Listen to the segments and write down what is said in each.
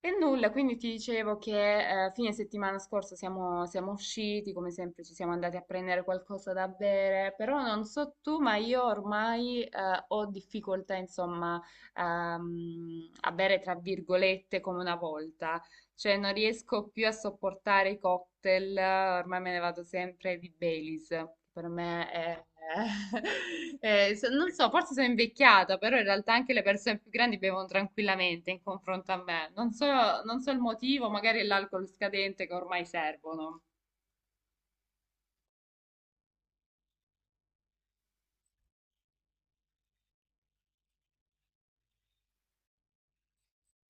E nulla, quindi ti dicevo che fine settimana scorsa siamo usciti, come sempre ci siamo andati a prendere qualcosa da bere, però non so tu, ma io ormai ho difficoltà, insomma, a bere tra virgolette come una volta. Cioè, non riesco più a sopportare i cocktail, ormai me ne vado sempre di Baileys, che per me è... non so, forse sono invecchiata, però in realtà anche le persone più grandi bevono tranquillamente in confronto a me. Non so il motivo, magari è l'alcol scadente che ormai servono.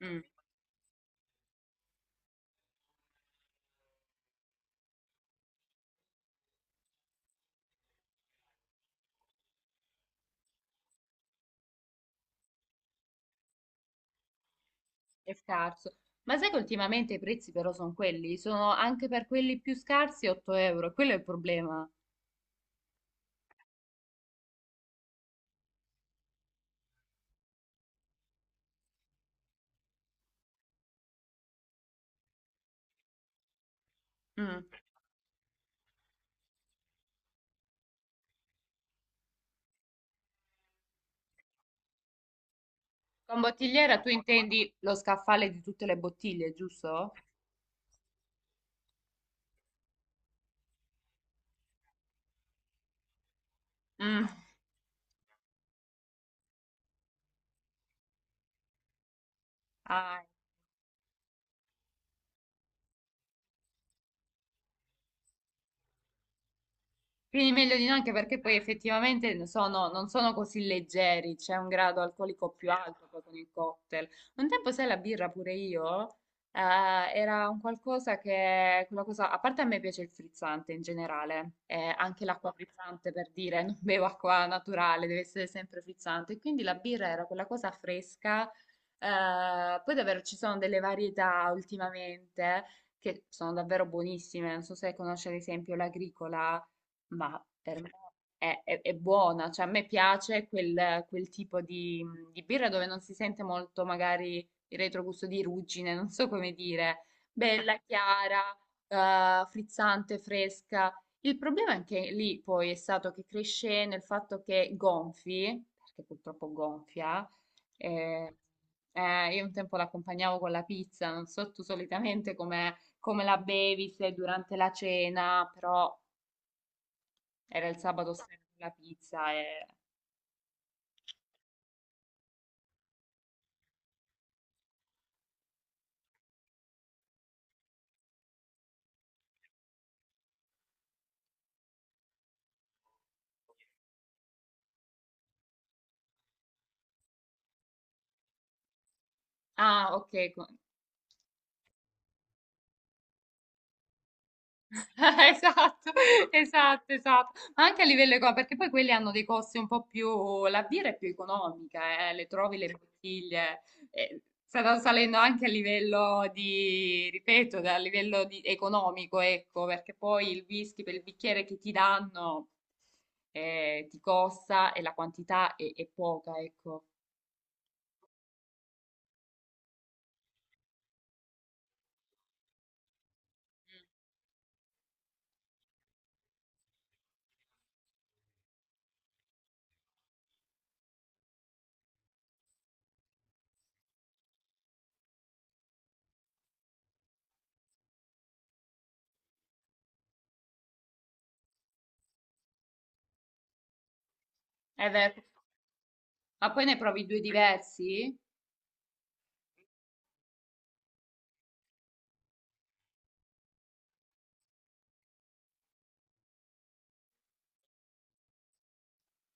Mm, è scarso. Ma sai che ultimamente i prezzi però sono quelli? Sono anche per quelli più scarsi 8 euro, quello è il problema. Mm. Con bottigliera tu intendi lo scaffale di tutte le bottiglie, giusto? Mm. Ah. Quindi meglio di no, anche perché poi effettivamente non sono così leggeri, c'è un grado alcolico più alto poi con il cocktail. Un tempo, sai, la birra pure io, eh, era un qualcosa che, quella cosa, a parte a me piace il frizzante in generale, anche l'acqua frizzante per dire, non bevo acqua naturale, deve essere sempre frizzante, quindi la birra era quella cosa fresca, poi davvero ci sono delle varietà ultimamente che sono davvero buonissime, non so se conosci ad esempio l'agricola, ma per me è buona, cioè a me piace quel tipo di birra dove non si sente molto magari il retrogusto di ruggine, non so come dire, bella, chiara, frizzante, fresca. Il problema anche lì poi è stato che cresce nel fatto che gonfi, perché purtroppo gonfia, eh, io un tempo l'accompagnavo con la pizza, non so tu solitamente come la bevi, se durante la cena, però era il sabato sera con la pizza e... Ah, ok. Esatto, esatto, esatto. Ma anche a livello economico, perché poi quelli hanno dei costi un po' più... La birra è più economica, le trovi le bottiglie. eh, Stanno salendo anche a livello di, ripeto, a economico, ecco, perché poi il whisky per il bicchiere che ti danno ti costa e la quantità è poca, ecco. Mm. Eh beh, ma poi ne provi due diversi?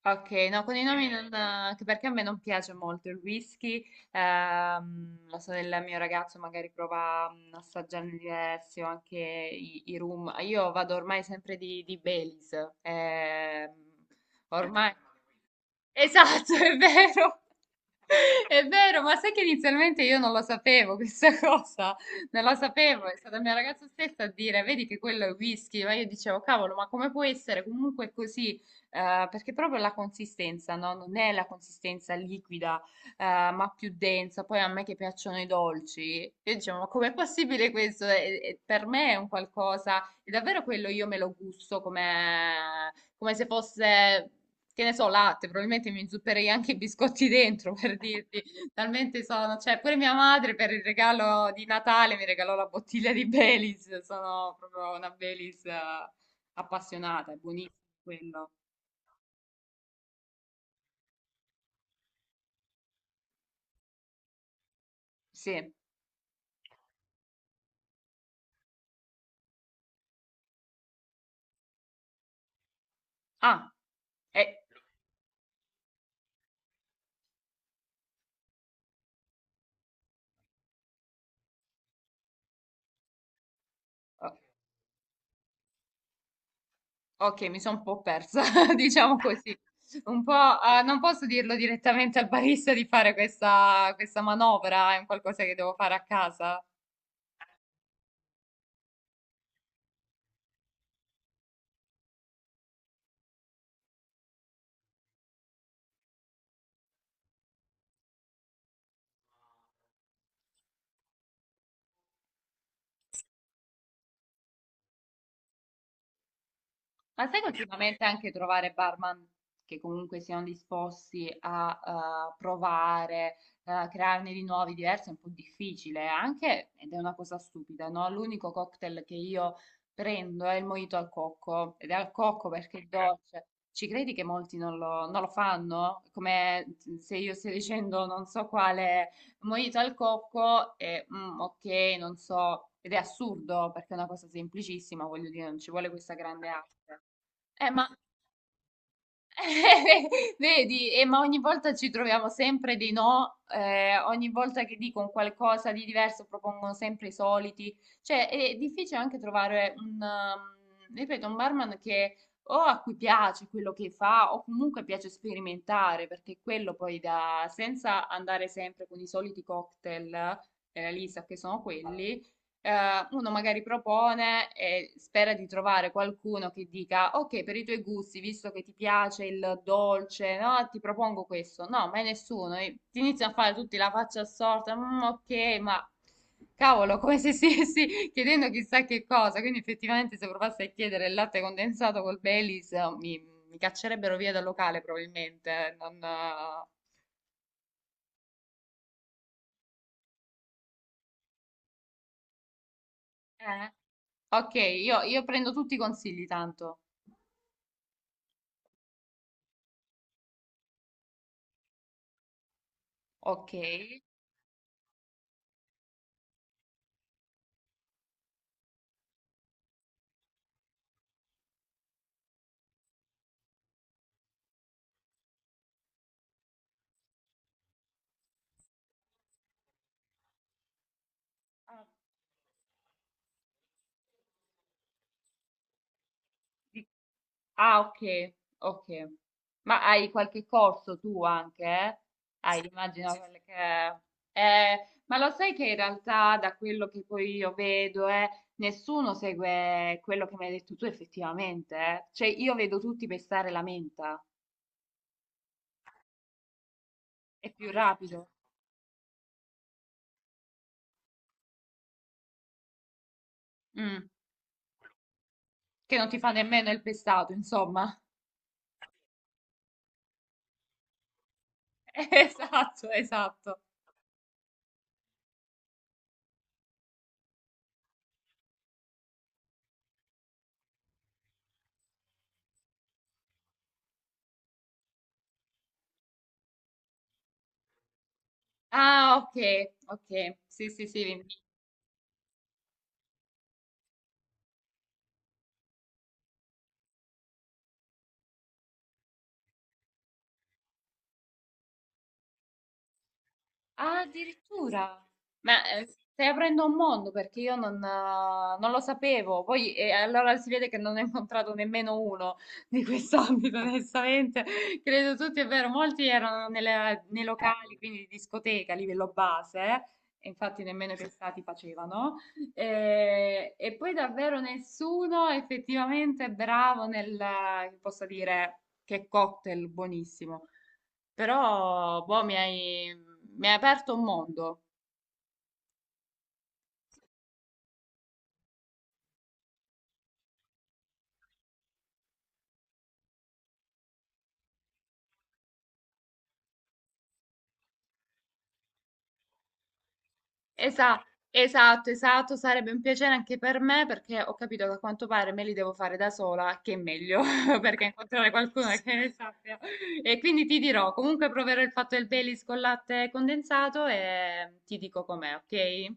Ok, no, con i nomi non... anche perché a me non piace molto il whisky, la sorella del mio ragazzo magari prova a assaggiarne diversi o anche i rum. Io vado ormai sempre di Baileys, ehm, ormai... Esatto, è vero. È vero, ma sai che inizialmente io non lo sapevo questa cosa, non lo sapevo, è stata mia ragazza stessa a dire, vedi che quello è whisky, ma io dicevo, cavolo, ma come può essere comunque così? Eh, perché proprio la consistenza, no? Non è la consistenza liquida, eh, ma più densa. Poi a me che piacciono i dolci, io dicevo, ma com'è possibile questo? E per me è un qualcosa, è davvero quello, io me lo gusto come, come se fosse, che ne so, latte, probabilmente mi inzupperei anche i biscotti dentro, per dirti, talmente sono, cioè pure mia madre per il regalo di Natale mi regalò la bottiglia di Baileys, sono proprio una Baileys appassionata, è buonissimo quello. Sì. Ah, eh, o- ok, mi sono un po' persa, diciamo così. Un po', ah, non posso dirlo direttamente al barista di fare questa manovra, è un qualcosa che devo fare a casa. Ma sai che ultimamente anche trovare barman che comunque siano disposti a provare, a crearne di nuovi, diversi, è un po' difficile, anche, ed è una cosa stupida, no? L'unico cocktail che io prendo è il mojito al cocco, ed è al cocco perché è ok, dolce. Ci credi che molti non non lo fanno? Come mm, se io stia dicendo non so quale mojito al cocco e mm, ok, non so, ed è assurdo perché è una cosa semplicissima, voglio dire, non ci vuole questa grande arte. Ma vedi, ma ogni volta ci troviamo sempre dei no, ogni volta che dico un qualcosa di diverso propongono sempre i soliti. Cioè, è difficile anche trovare un, ripeto, un barman che o a cui piace quello che fa o comunque piace sperimentare, perché quello poi da, senza andare sempre con i soliti cocktail, lì sa che sono quelli, uno magari propone e spera di trovare qualcuno che dica: ok, per i tuoi gusti, visto che ti piace il dolce, no? Ti propongo questo. No, mai nessuno. E ti iniziano a fare tutti la faccia assorta. "Mm, ok, ma cavolo", come se stessi chiedendo chissà che cosa. Quindi, effettivamente, se provassi a chiedere il latte condensato col Baileys, mi caccerebbero via dal locale, probabilmente. Eh, non, eh. Ok, io prendo tutti i consigli, tanto. Ok. Ah. Ah, ok, ok. Ma hai qualche corso tu anche, eh? Hai, immagino quelle che... Eh, ma lo sai che in realtà da quello che poi io vedo, nessuno segue quello che mi hai detto tu effettivamente, eh? Cioè io vedo tutti pestare la menta, è più rapido, mm, che non ti fa nemmeno il pestato, insomma. Esatto, esatto. Ah, ok, ok. Sì, sì, sì. Ah, addirittura. Ma stai aprendo un mondo perché io non, non lo sapevo. Poi allora si vede che non ne ho incontrato nemmeno uno di quest'ambito, onestamente. Credo tutti, è vero, molti erano nei locali, quindi di discoteca a livello base. Infatti nemmeno i testati facevano. E poi davvero nessuno effettivamente è bravo nel, che possa dire, che cocktail buonissimo. Però, boh, mi hai aperto un mondo. Esa- esatto, esatto, sarebbe un piacere anche per me perché ho capito che a quanto pare me li devo fare da sola, che è meglio, perché incontrare qualcuno che ne sappia. E quindi ti dirò, comunque proverò il fatto del Baileys con latte condensato e ti dico com'è, ok?